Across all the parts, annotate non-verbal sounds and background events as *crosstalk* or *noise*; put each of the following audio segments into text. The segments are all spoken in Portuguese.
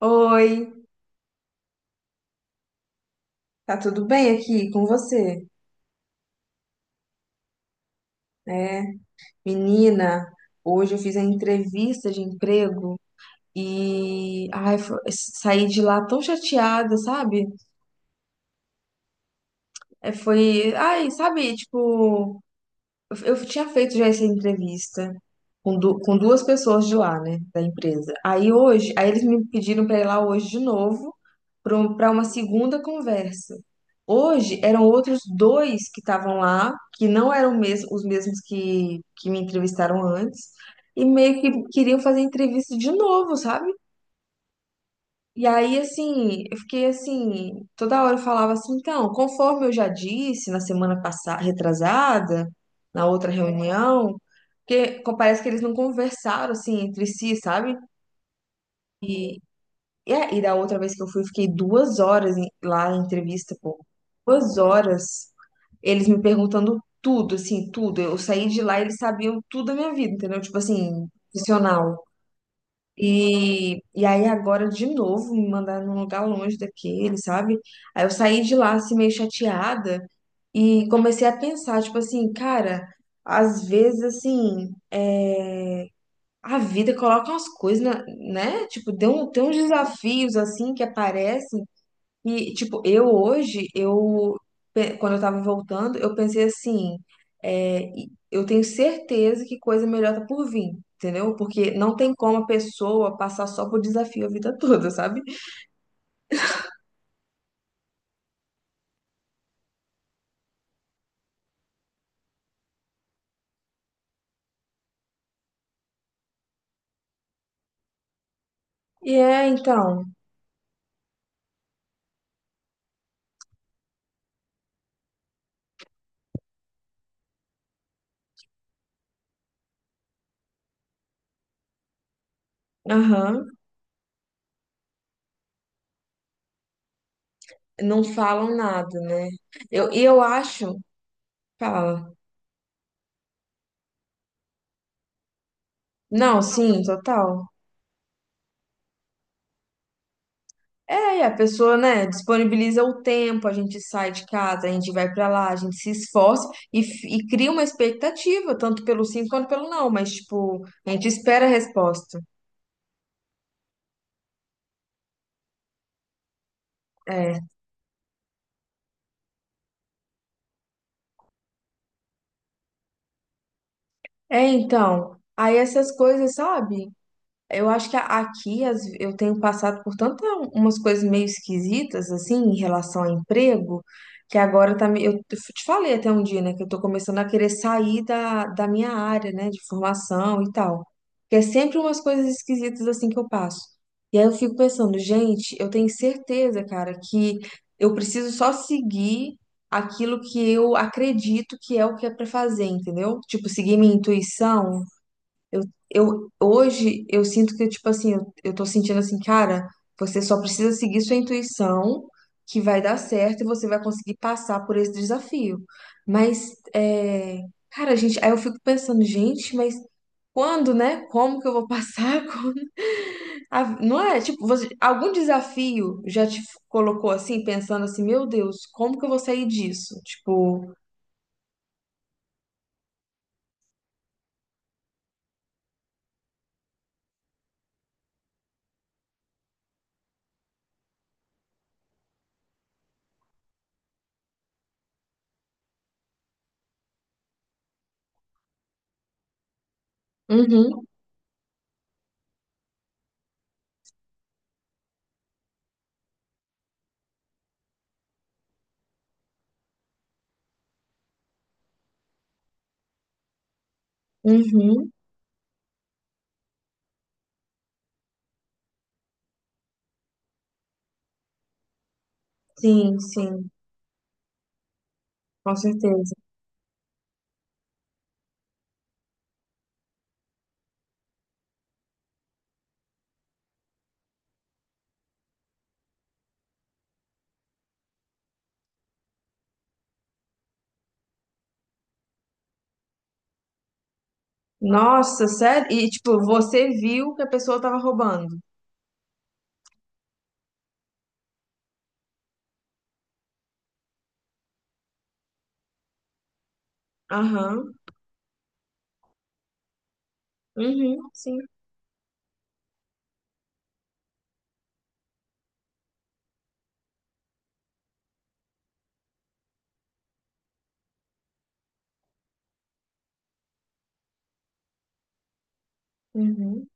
Oi, tá tudo bem aqui com você? É, menina, hoje eu fiz a entrevista de emprego e ai, saí de lá tão chateada, sabe? É, foi, ai, sabe, tipo, eu tinha feito já essa entrevista com, com duas pessoas de lá, né, da empresa. Aí hoje, aí eles me pediram para ir lá hoje de novo para uma segunda conversa. Hoje eram outros dois que estavam lá, que não eram os mesmos que me entrevistaram antes, e meio que queriam fazer entrevista de novo, sabe? E aí, assim, eu fiquei assim, toda hora eu falava assim, então, conforme eu já disse na semana passada, retrasada, na outra reunião, porque parece que eles não conversaram assim entre si, sabe? E, e da outra vez que eu fui, eu fiquei duas horas lá na entrevista, pô. Duas horas, eles me perguntando tudo, assim, tudo. Eu saí de lá e eles sabiam tudo da minha vida, entendeu? Tipo assim, profissional. E aí agora de novo me mandaram num lugar longe daquele, sabe? Aí eu saí de lá assim meio chateada e comecei a pensar, tipo assim, cara, às vezes assim, é, a vida coloca umas coisas, né? Tipo, tem, um, tem uns desafios assim que aparecem e, tipo, eu hoje, eu, quando eu tava voltando, eu pensei assim, é, eu tenho certeza que coisa melhor tá por vir, entendeu? Porque não tem como a pessoa passar só por desafio a vida *laughs* toda, sabe? E é, então, aham, não falam nada, né? E eu acho, fala. Não, sim, total. É, e a pessoa, né, disponibiliza o tempo, a gente sai de casa, a gente vai pra lá, a gente se esforça e, e cria uma expectativa, tanto pelo sim quanto pelo não, mas, tipo, a gente espera a resposta. É, é, então, aí essas coisas, sabe? Eu acho que aqui eu tenho passado por tantas umas coisas meio esquisitas, assim, em relação a emprego, que agora tá, eu te falei até um dia, né, que eu tô começando a querer sair da minha área, né, de formação e tal. Que é sempre umas coisas esquisitas, assim, que eu passo. E aí eu fico pensando, gente, eu tenho certeza, cara, que eu preciso só seguir aquilo que eu acredito que é o que é pra fazer, entendeu? Tipo, seguir minha intuição, eu, eu, hoje eu sinto que, tipo assim, eu tô sentindo assim, cara, você só precisa seguir sua intuição, que vai dar certo e você vai conseguir passar por esse desafio. Mas, é, cara, gente, aí eu fico pensando, gente, mas quando, né? Como que eu vou passar? *laughs* Quando? Não é? Tipo, você, algum desafio já te colocou assim, pensando assim, meu Deus, como que eu vou sair disso? Tipo, uhum, uhum, sim, sim, com certeza. Nossa, sério? E, tipo, você viu que a pessoa tava roubando? Aham. Uhum, sim. Uhum,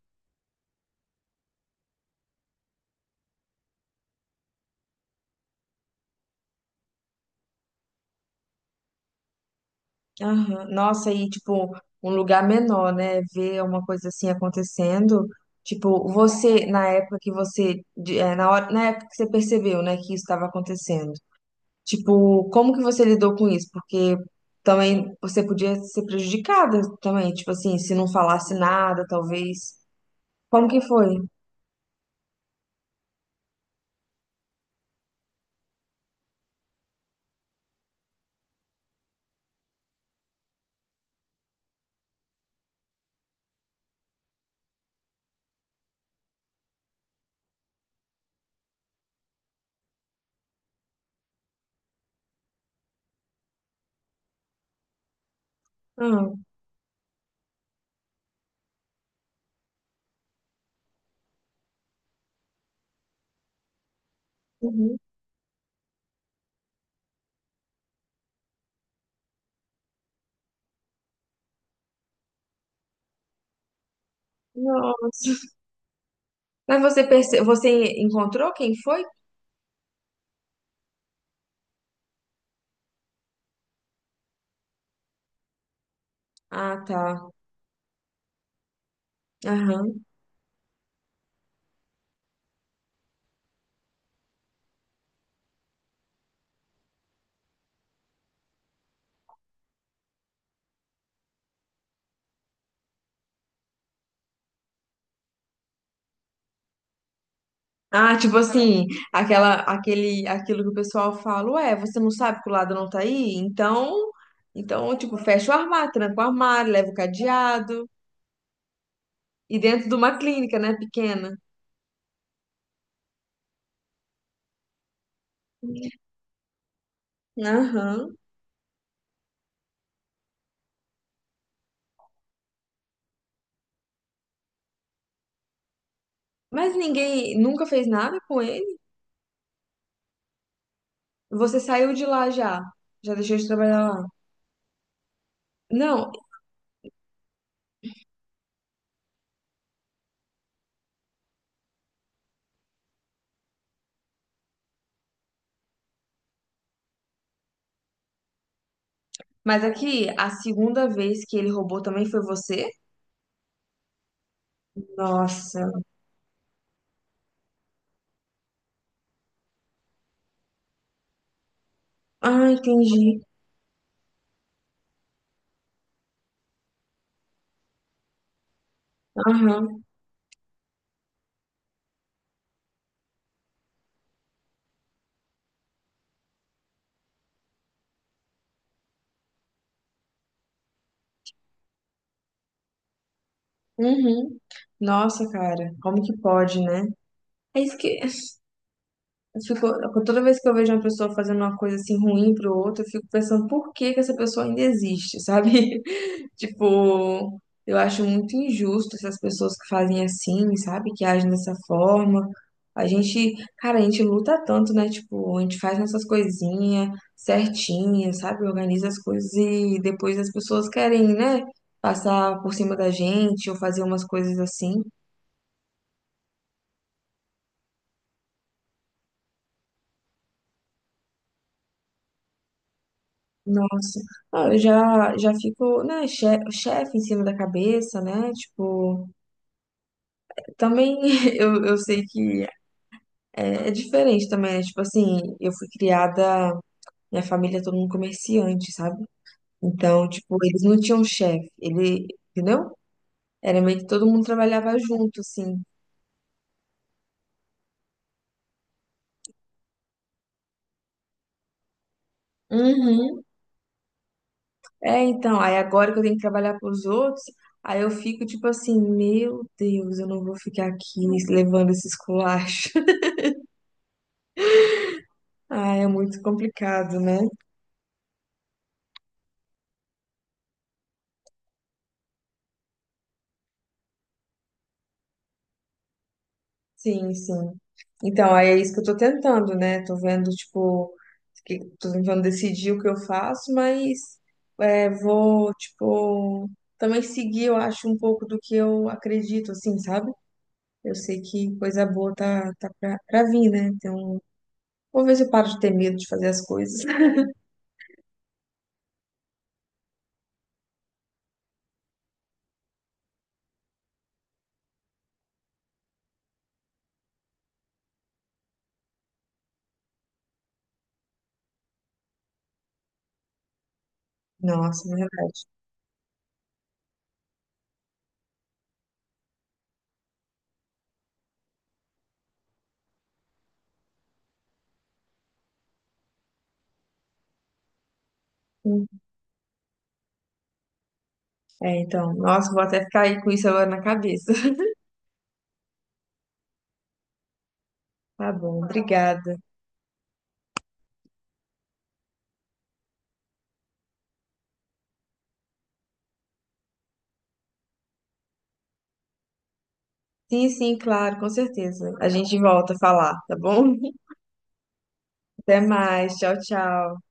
aham. Nossa, e, tipo, um lugar menor, né? Ver uma coisa assim acontecendo. Tipo, você, na época que você, é, na hora, na época que você percebeu, né, que isso estava acontecendo. Tipo, como que você lidou com isso? Porque também você podia ser prejudicada também, tipo assim, se não falasse nada, talvez. Como que foi? Ah, uhum. Nossa. Mas você perce... você encontrou quem foi? Ah, tá. Aham. Ah, tipo assim, aquela, aquele, aquilo que o pessoal fala, ué, você não sabe que o lado não tá aí? Então, então, tipo, fecha o armário, tranca o armário, leva o cadeado. E dentro de uma clínica, né, pequena. Aham. Mas ninguém nunca fez nada com ele? Você saiu de lá já? Já deixou de trabalhar lá? Não, mas aqui, a segunda vez que ele roubou também foi você? Nossa. Ah, entendi. Aham. Uhum. Nossa, cara, como que pode, né? É isso que eu fico, toda vez que eu vejo uma pessoa fazendo uma coisa assim ruim pro outro, eu fico pensando por que que essa pessoa ainda existe, sabe? *laughs* Tipo, eu acho muito injusto essas pessoas que fazem assim, sabe? Que agem dessa forma. A gente, cara, a gente luta tanto, né? Tipo, a gente faz nossas coisinhas certinhas, sabe? Organiza as coisas e depois as pessoas querem, né? Passar por cima da gente ou fazer umas coisas assim. Nossa, ah, eu já fico, né, chefe em cima da cabeça, né? Tipo, também *laughs* eu sei que é, é diferente também, né? Tipo assim, eu fui criada, minha família é todo mundo comerciante, sabe? Então, tipo, eles não tinham chefe, ele, entendeu? Era meio que todo mundo trabalhava junto, assim. Uhum. É, então, aí agora que eu tenho que trabalhar pros outros, aí eu fico tipo assim, meu Deus, eu não vou ficar aqui levando esses culachos. Ah, é muito complicado, né? Sim, sim. Então, aí é isso que eu tô tentando, né? Tô vendo, tipo, que, tô tentando decidir o que eu faço, mas é, vou, tipo, também seguir, eu acho, um pouco do que eu acredito, assim, sabe? Eu sei que coisa boa tá, tá pra, pra vir, né? Então, vou ver se eu paro de ter medo de fazer as coisas. *laughs* Nossa, é verdade. É, então, nossa, vou até ficar aí com isso agora na cabeça. *laughs* Tá bom, obrigada. Sim, sim, claro, com certeza. A gente volta a falar, tá bom? *laughs* Até mais. Tchau, tchau.